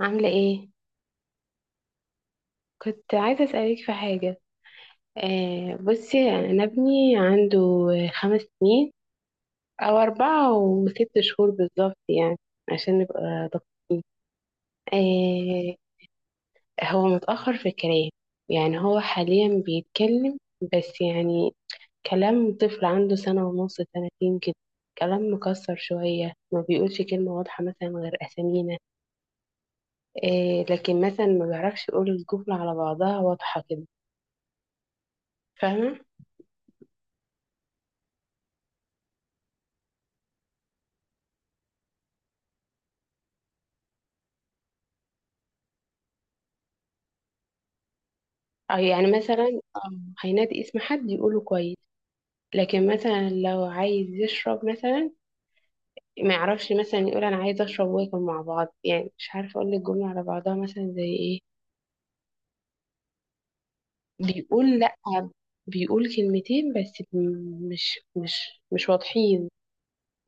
عاملة ايه؟ كنت عايزة اسألك في حاجة. بصي يعني انا ابني عنده 5 سنين او اربعة وست شهور بالظبط يعني عشان نبقى دقيقين. آه هو متأخر في الكلام، يعني هو حاليا بيتكلم بس يعني كلام طفل عنده سنة ونص سنتين كده، كلام مكسر شوية ما بيقولش كلمة واضحة مثلا غير أسامينا. لكن مثلا ما بيعرفش يقول الجملة على بعضها واضحة كده. فاهمة؟ أو يعني مثلا. هينادي اسم حد يقوله كويس، لكن مثلا لو عايز يشرب مثلا ما يعرفش مثلا يقول انا عايز اشرب واكل مع بعض، يعني مش عارفه اقول لك جمله على بعضها مثلا زي ايه. بيقول لا، بيقول كلمتين بس مش واضحين،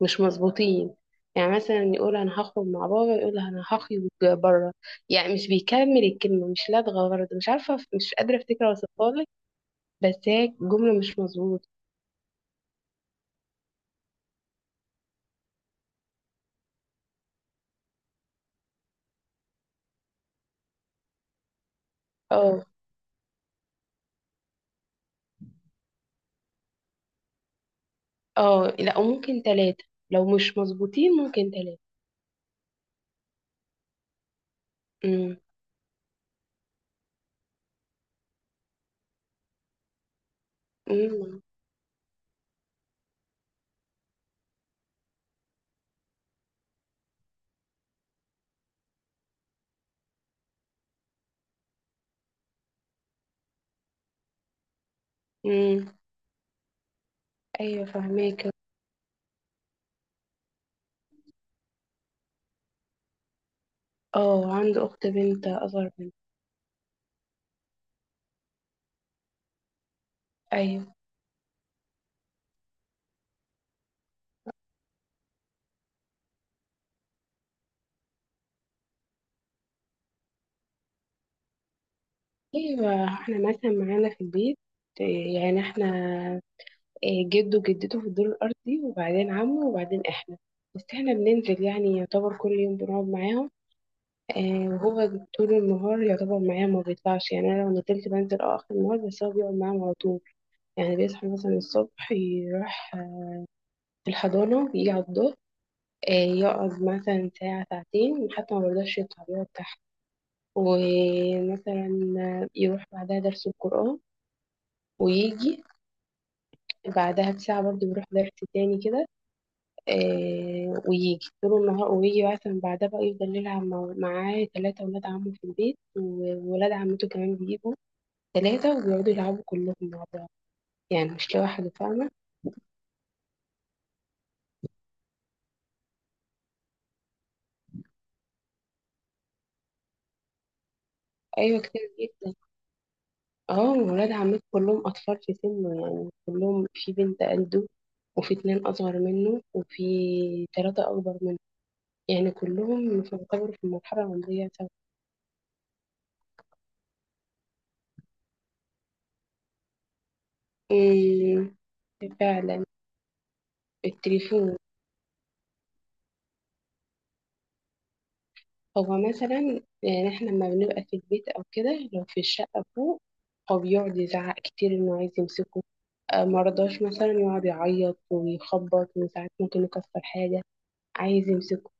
مش مظبوطين. يعني مثلا يقول انا هخرج مع بابا، يقول انا هخرج بره. يعني مش بيكمل الكلمه، مش لدغه برضه، مش عارفه، مش قادره افتكر اوصفها لك. بس هي جمله مش مظبوطه. اه، اه، لا، وممكن تلاتة. لو مش مظبوطين ممكن تلاتة. امم، امم، امم. ايوه فهماك. اه عنده اخت بنت اصغر منه. ايوه. ايوه احنا مثلا معانا في البيت، إيه، يعني احنا، إيه، جده وجدته في الدور الارضي وبعدين عمه وبعدين احنا، بس احنا بننزل يعني يعتبر كل يوم بنقعد معاهم. وهو طول النهار يعتبر معايا ما بيطلعش، يعني انا لو نزلت بنزل اه اخر النهار، بس هو بيقعد معاهم على طول. يعني بيصحى مثلا الصبح يروح في الحضانة يجي على الظهر، آه، يقعد مثلا ساعة ساعتين حتى ما برضاش يطلع يقعد تحت، ومثلا يروح بعدها درس القرآن ويجي بعدها بساعة برضه بيروح درس تاني كده، ويجي طول النهار، ويجي مثلا بعدها بقى يفضل يلعب معاه تلاتة ولاد عمه في البيت، وولاد عمته كمان بيجوا تلاتة وبيقعدوا يلعبوا كلهم مع بعض، يعني مش لوحده، فاهمة. أيوة كتير جدا. اه ولاد عمته كلهم أطفال في سنه، يعني كلهم في بنت قده، وفي اتنين أصغر منه، وفي تلاتة أكبر منه، يعني كلهم يعتبروا في المرحلة العمرية سوا. أمم. فعلا. التليفون. هو مثلا يعني احنا لما بنبقى في البيت أو كده، لو في الشقة فوق، هو بيقعد يزعق كتير إنه عايز يمسكه. مرضاش مثلا، يقعد يعيط ويخبط، وساعات ممكن يكسر حاجة، عايز يمسكه.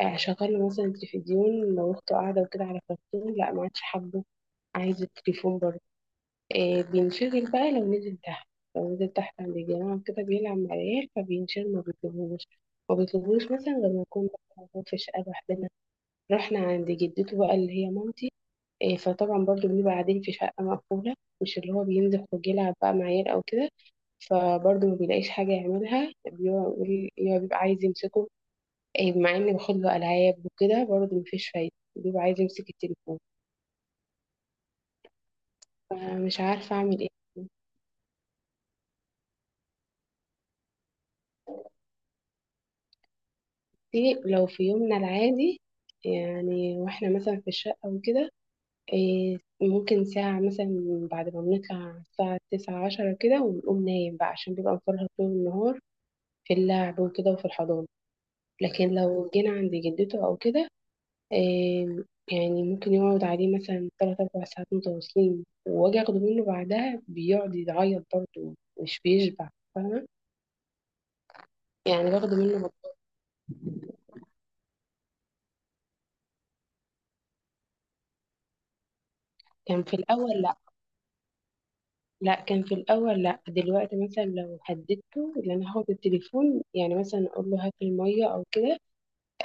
شغاله مثلا التلفزيون لو اخته قاعده وكده على كرتون، لا ما عادش حابه، عايز التليفون برضه. بينشغل بقى لو نزل تحت، عند الجامعه وكده بيلعب مع العيال فبينشغل ما بيطلبوش. ما بيطلبوش مثلا غير ما نكون بقى موجود في شقه لوحدنا، رحنا عند جدته بقى اللي هي مامتي، فطبعا برضه بنبقى قاعدين في شقه مقفوله، مش اللي هو بينزل خروج يلعب بقى مع عيال او كده. فبرضه ما بيلاقيش حاجه يعملها، بيقعد يقعد يبقى عايز يمسكه، مع اني باخد له العاب وكده برضه مفيش فايده، بيبقى عايز يمسك التليفون. فمش عارفه اعمل ايه. لو في يومنا العادي، يعني واحنا مثلا في الشقه وكده، إيه ممكن ساعه مثلا بعد ما بنطلع الساعه تسعة عشرة كده ونقوم نايم بقى، عشان بيبقى مفرهد طول النهار في اللعب وكده وفي الحضانه. لكن لو جينا عند جدته او كده، آم، يعني ممكن يقعد عليه مثلا تلات أربع ساعات متواصلين، وأجي أخده منه بعدها بيقعد يعيط برضه، مش بيشبع، فاهمة. يعني كان في الأول لأ. دلوقتي مثلا لو هددته إن أنا هاخد التليفون، يعني مثلا أقول له هات المية أو كده،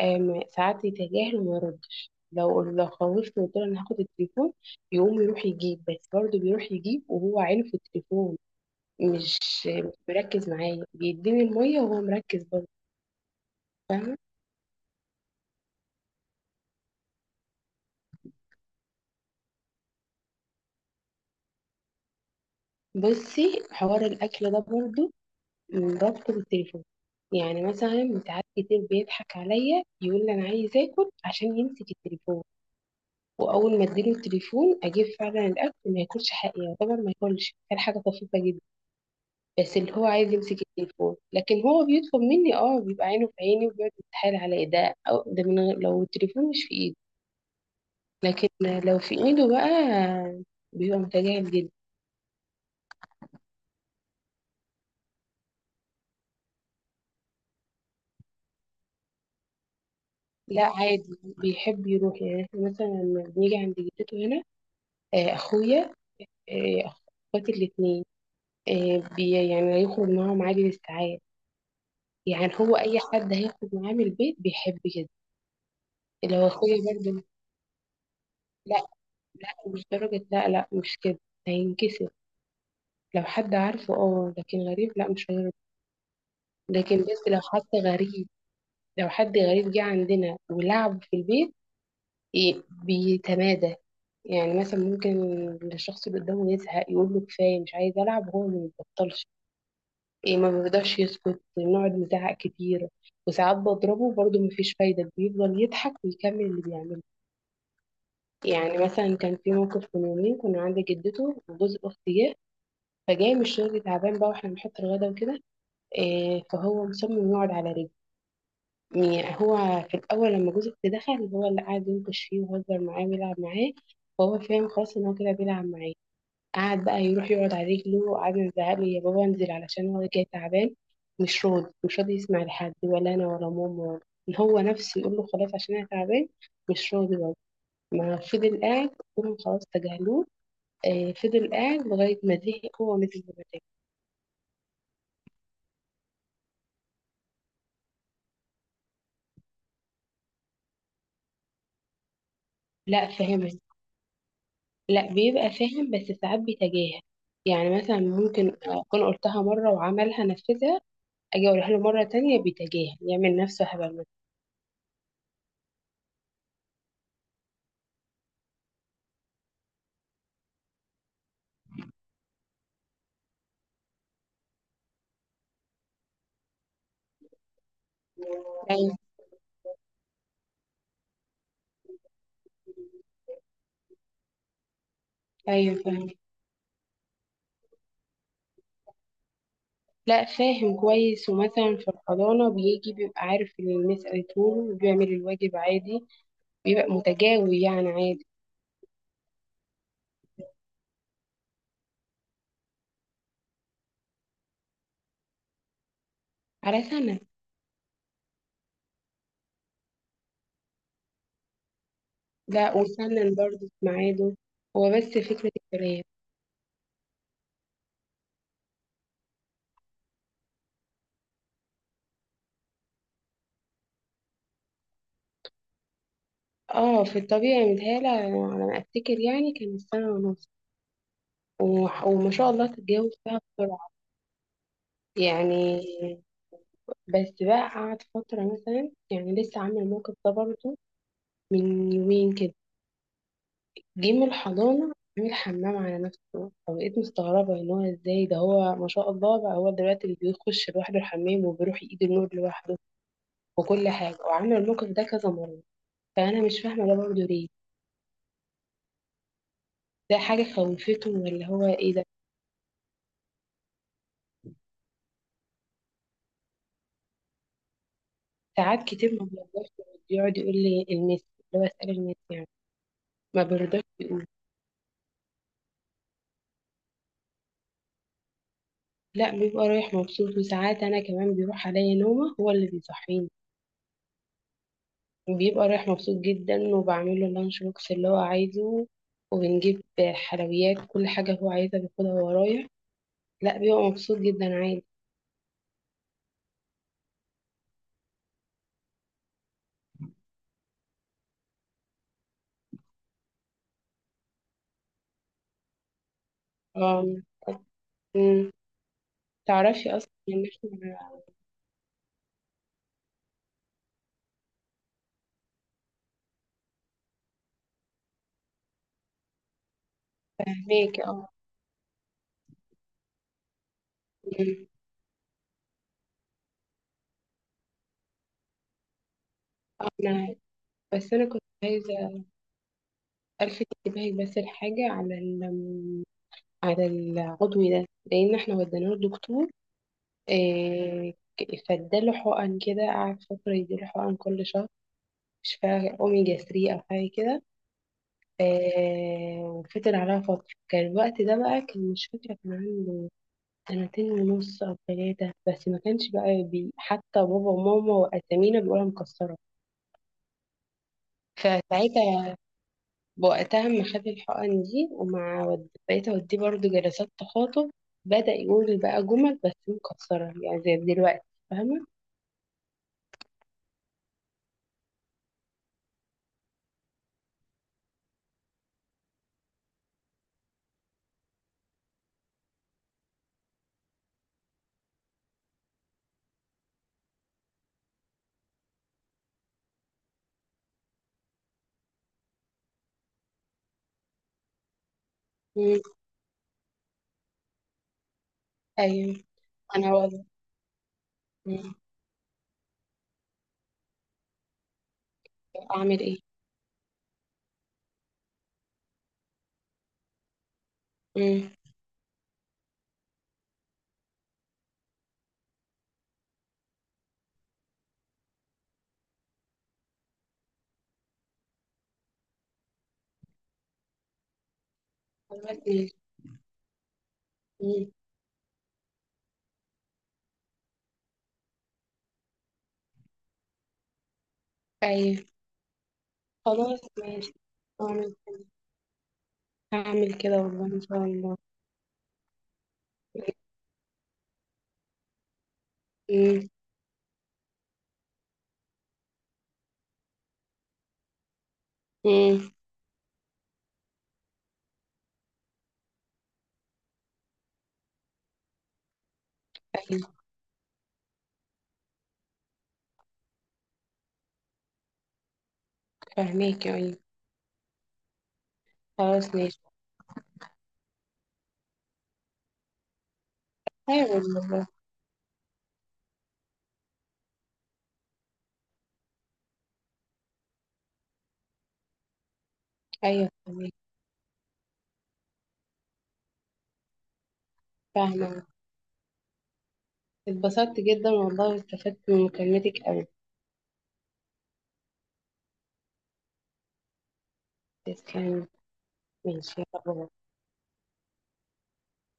ساعات يتجاهل وما يردش، لو خوفته وقلت له أنا هاخد التليفون يقوم يروح يجيب، بس برضه بيروح يجيب وهو عينه في التليفون، مش مش مركز معايا، بيديني المية وهو مركز برضه، فاهمة. بصي حوار الأكل ده برضه رابطه بالتليفون، يعني مثلا ساعات كتير بيضحك عليا يقول لي أنا عايز آكل عشان يمسك التليفون، وأول ما أديله التليفون أجيب فعلا الأكل ما ياكلش، حقيقة طبعا ما ياكلش، كان حاجة طفيفة جدا، بس اللي هو عايز يمسك التليفون، لكن هو بيطلب مني اه، بيبقى عينه في عيني وبيقعد يتحايل عليا ده أو ده من غير لو التليفون مش في إيدي. لكن لو في ايده بقى بيبقى متجاهل جدا. لا عادي بيحب يروح، يعني احنا مثلا لما بنيجي عند جدته هنا، اخويا، اخواتي الاتنين، بي يعني يخرج معاهم عادي للساعات. يعني هو اي حد هيخرج معاه من البيت بيحب كده، اللي هو اخويا برضه. لا، لا مش درجة، لا لا مش كده، هينكسر. لو حد عارفه اه، لكن غريب لا مش هيرضى. لكن بس لو حد غريب لو حد غريب جه عندنا ولعب في البيت، إيه بيتمادى، يعني مثلا ممكن الشخص اللي قدامه يزهق يقول له كفايه مش عايز العب، وهو ما بيبطلش. إيه ما بيقدرش يسكت، بنقعد نزعق كتير، وساعات بضربه برضه مفيش فايده، بيفضل يضحك ويكمل اللي بيعمله. يعني مثلا كان في موقف من يومين، كنا عند جدته وجوز اختي جه، فجاي من الشغل تعبان بقى، واحنا بنحط الغدا وكده، إيه فهو مصمم يقعد على رجله. يعني هو في الأول لما جوزك دخل، هو اللي قعد ينكش فيه ويهزر معاه ويلعب معاه، فهو فاهم خلاص إن هو كده بيلعب معاه. قعد بقى يروح يقعد على رجله، وقعد نزعق له يا بابا انزل علشان هو جاي تعبان. مش راضي، مش راضي يسمع لحد، ولا أنا ولا ماما، ولا إن هو نفسه يقول له خلاص عشان أنا تعبان، مش راضي برضه، ما فضل قاعد، كلهم خلاص تجاهلوه، فضل قاعد لغاية ما زهق هو مثل ما زهق. لا فاهم. لا بيبقى فاهم بس ساعات بيتجاهل، يعني مثلا ممكن اكون قلتها مره وعملها نفذها، اجي اقولها له مره تانية بيتجاهل، يعمل نفسه هبل مثلا. ايوه. ايوه فاهم. لا فاهم كويس، ومثلا في الحضانه بيجي بيبقى عارف اللي المس قالته له، وبيعمل الواجب عادي، بيبقى متجاوب يعني عادي. على سنه. لا وسنن برضه في ميعاده، هو بس فكره الكلام. اه في الطبيعي، متهيألي على ما افتكر يعني كان سنه ونص، وما شاء الله تتجاوب فيها بسرعه. يعني بس بقى قعد فترة، مثلا يعني لسه عامل الموقف ده برضه من يومين كده، جه من الحضانة عامل حمام على نفسه، فبقيت مستغربة ان هو ازاي ده، هو ما شاء الله بقى هو دلوقتي اللي بيخش لوحده الحمام، وبيروح ايده النور لوحده وكل حاجة، وعامل الموقف ده كذا مرة، فأنا مش فاهمة ده برضه ليه، ده حاجة خوفته ولا هو ايه ده. ساعات كتير ما بيرضاش، يقعد يقول لي المس، اللي هو اسأل المس يعني، ما بيرضاش يقول. لا بيبقى رايح مبسوط، وساعات انا كمان بيروح عليا نومه هو اللي بيصحيني، وبيبقى رايح مبسوط جدا، وبعمل له اللانش بوكس اللي هو عايزه، وبنجيب حلويات كل حاجه هو عايزها بياخدها وهو رايح، لا بيبقى مبسوط جدا عادي. آم. مم. تعرفي اصلا ان احنا، فاهماكي اه. مم. انا بس انا كنت عايزه الفت انتباهك بس لحاجه على العضوي ده، لان احنا وديناه للدكتور، إيه فاداله حقن كده، قعد فترة يديله حقن كل شهر، مش فاكرة أوميجا 3 أو حاجة كده، إيه وفضل عليها فترة، كان الوقت ده بقى، كان مش فاكرة، كان عنده سنتين ونص أو ثلاثة، بس ما كانش بقى بي، حتى بابا وماما وأسامينا بيقولها مكسرة، فساعتها وقتها ما خد الحقن دي، بقيت أوديه برضه جلسات تخاطب، بدأ يقول بقى جمل بس مكسرة يعني زي دلوقتي، فاهمة؟ مم. أيوه. أنا والله. أعمل إيه؟ مم. خلاص ماشي. مم. أيوة. خلاص ماشي. أعمل هعمل كده والله إن شاء الله. مم. مم. أيوة فاهماك. أيوة. خلاص ماشي. أيوة والله. أيوة فاهماك. فاهمة. اتبسطت جدا والله واستفدت من مكالمتك أوي. تسلمي. ماشي يلا باي.